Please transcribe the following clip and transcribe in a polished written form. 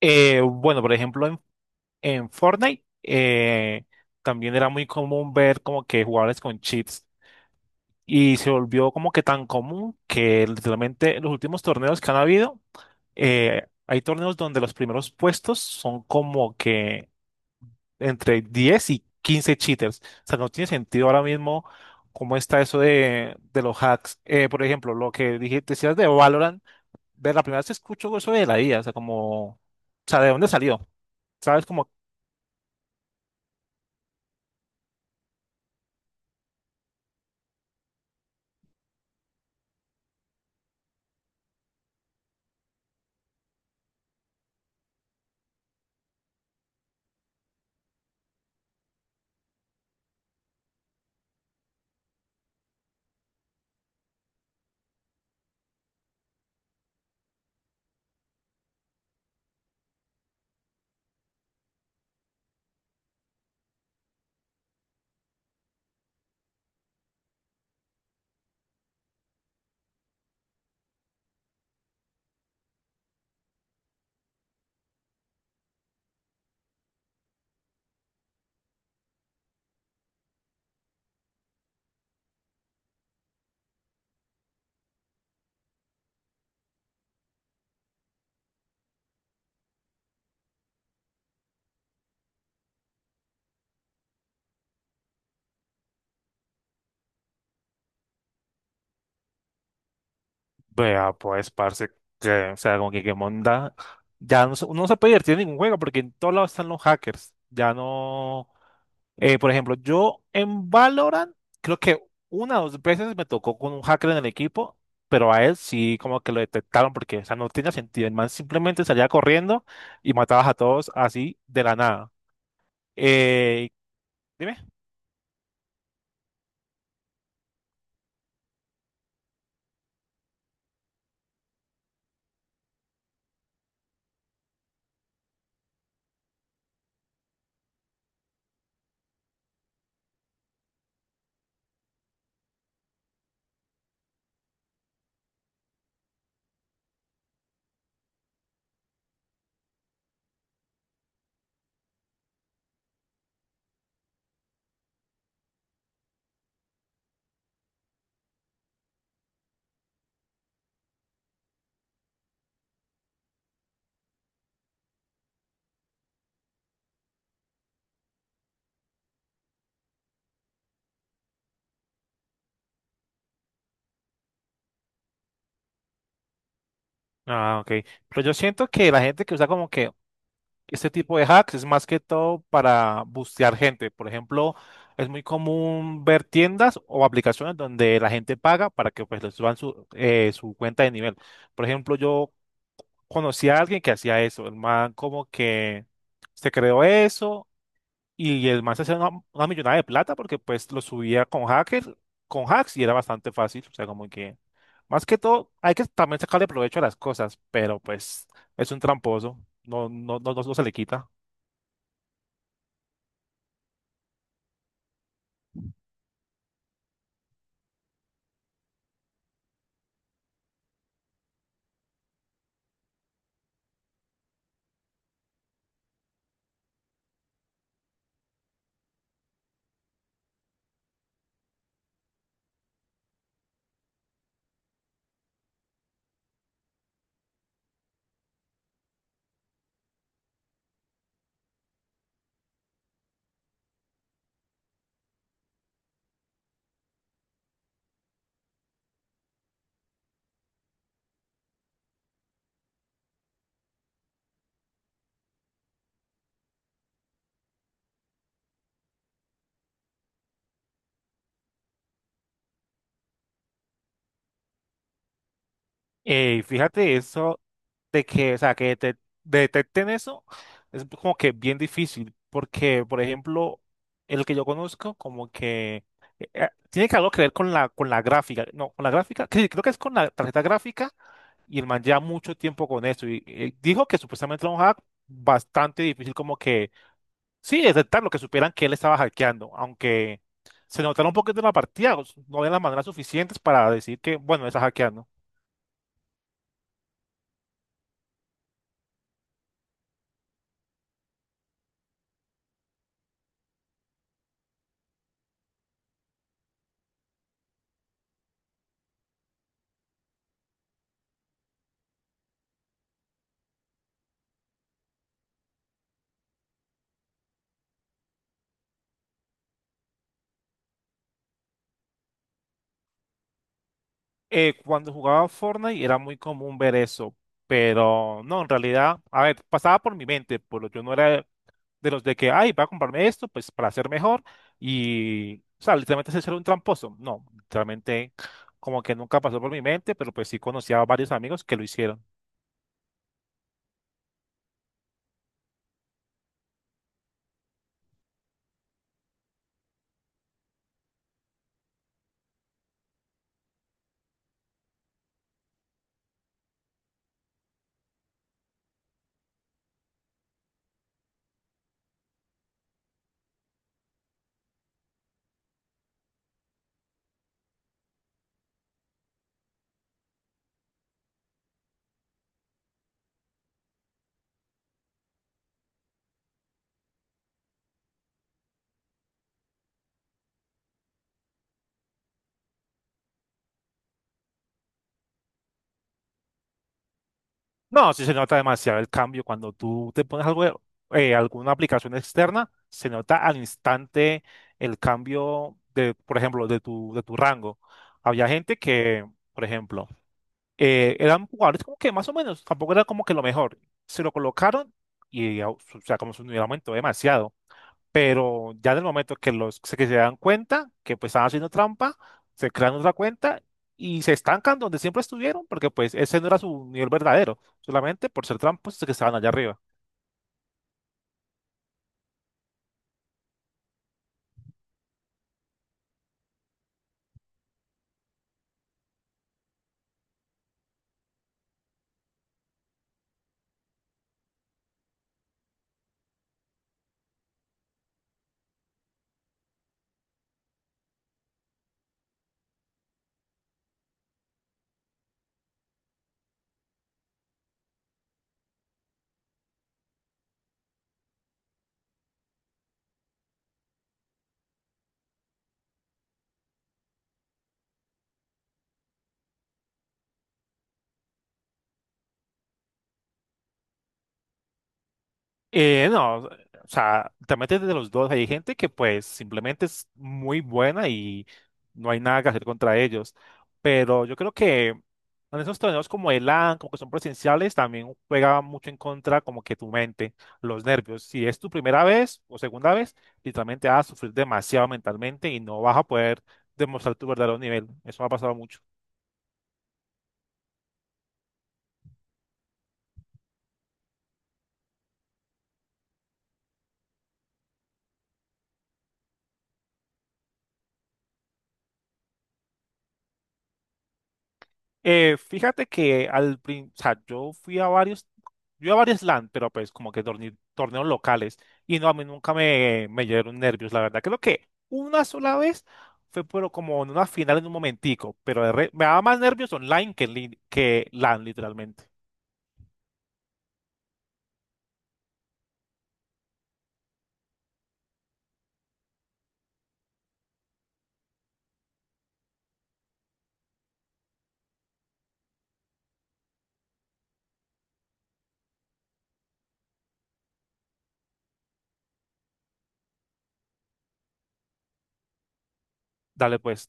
Bueno, por ejemplo, en Fortnite también era muy común ver como que jugadores con cheats y se volvió como que tan común que literalmente en los últimos torneos que han habido, hay torneos donde los primeros puestos son como que entre 10 y 15 cheaters. O sea, no tiene sentido ahora mismo cómo está eso de los hacks. Por ejemplo, lo que dije, decías de Valorant, ver la primera vez que escucho eso de la IA, o sea, como, o sea, ¿de dónde salió? ¿Sabes? Como vea, pues, parce, que, o sea, como que qué monda. Ya no, uno no se puede divertir en ningún juego porque en todos lados están los hackers. Ya no. Eh, por ejemplo, yo en Valorant, creo que una o dos veces me tocó con un hacker en el equipo, pero a él sí como que lo detectaron porque, o sea, no tenía sentido. El man simplemente salía corriendo y matabas a todos así de la nada. Eh, Dime. Ah, ok. Pero yo siento que la gente que usa como que este tipo de hacks es más que todo para bustear gente. Por ejemplo, es muy común ver tiendas o aplicaciones donde la gente paga para que pues les suban su, su cuenta de nivel. Por ejemplo, yo conocí a alguien que hacía eso. El man como que se creó eso y el man se hacía una millonada de plata porque pues lo subía con hackers, con hacks y era bastante fácil. O sea, como que más que todo hay que también sacarle provecho a las cosas, pero pues es un tramposo. No, no, no, no se le quita. Ey, fíjate eso de que, o sea, detecten eso es como que bien difícil, porque, por ejemplo, el que yo conozco, como que tiene que algo que ver con la gráfica, no, con la gráfica, que creo que es con la tarjeta gráfica, y el man lleva mucho tiempo con eso, y dijo que supuestamente era un hack bastante difícil, como que, sí, detectar lo que supieran que él estaba hackeando, aunque se notaron un poquito en la partida, no de las maneras suficientes para decir que, bueno, está hackeando. Cuando jugaba Fortnite era muy común ver eso, pero no, en realidad, a ver, pasaba por mi mente, pero yo no era de los de que, ay, voy a comprarme esto, pues para ser mejor, y, o sea, literalmente ser un tramposo. No, literalmente como que nunca pasó por mi mente, pero pues sí conocía a varios amigos que lo hicieron. No, sí se nota demasiado el cambio cuando tú te pones algo, alguna aplicación externa, se nota al instante el cambio de, por ejemplo, de tu rango. Había gente que, por ejemplo, eran jugadores como que más o menos, tampoco era como que lo mejor. Se lo colocaron y, o sea, como su nivel aumentó demasiado, pero ya en el momento que que se dan cuenta que pues están haciendo trampa, se crean otra cuenta y se estancan donde siempre estuvieron, porque pues ese no era su nivel verdadero, solamente por ser tramposos que estaban allá arriba. No, o sea, te metes de los dos. Hay gente que pues simplemente es muy buena y no hay nada que hacer contra ellos. Pero yo creo que en esos torneos como el LAN, como que son presenciales, también juega mucho en contra como que tu mente, los nervios. Si es tu primera vez o segunda vez, literalmente vas a sufrir demasiado mentalmente y no vas a poder demostrar tu verdadero nivel. Eso me ha pasado mucho. Fíjate que o sea, yo fui a varios, yo a varios LAN, pero pues como que torneos locales, y no, a mí nunca me dieron nervios, la verdad. Creo que una sola vez fue, pero como en una final en un momentico, pero me daba más nervios online que, que LAN, literalmente. Dale pues.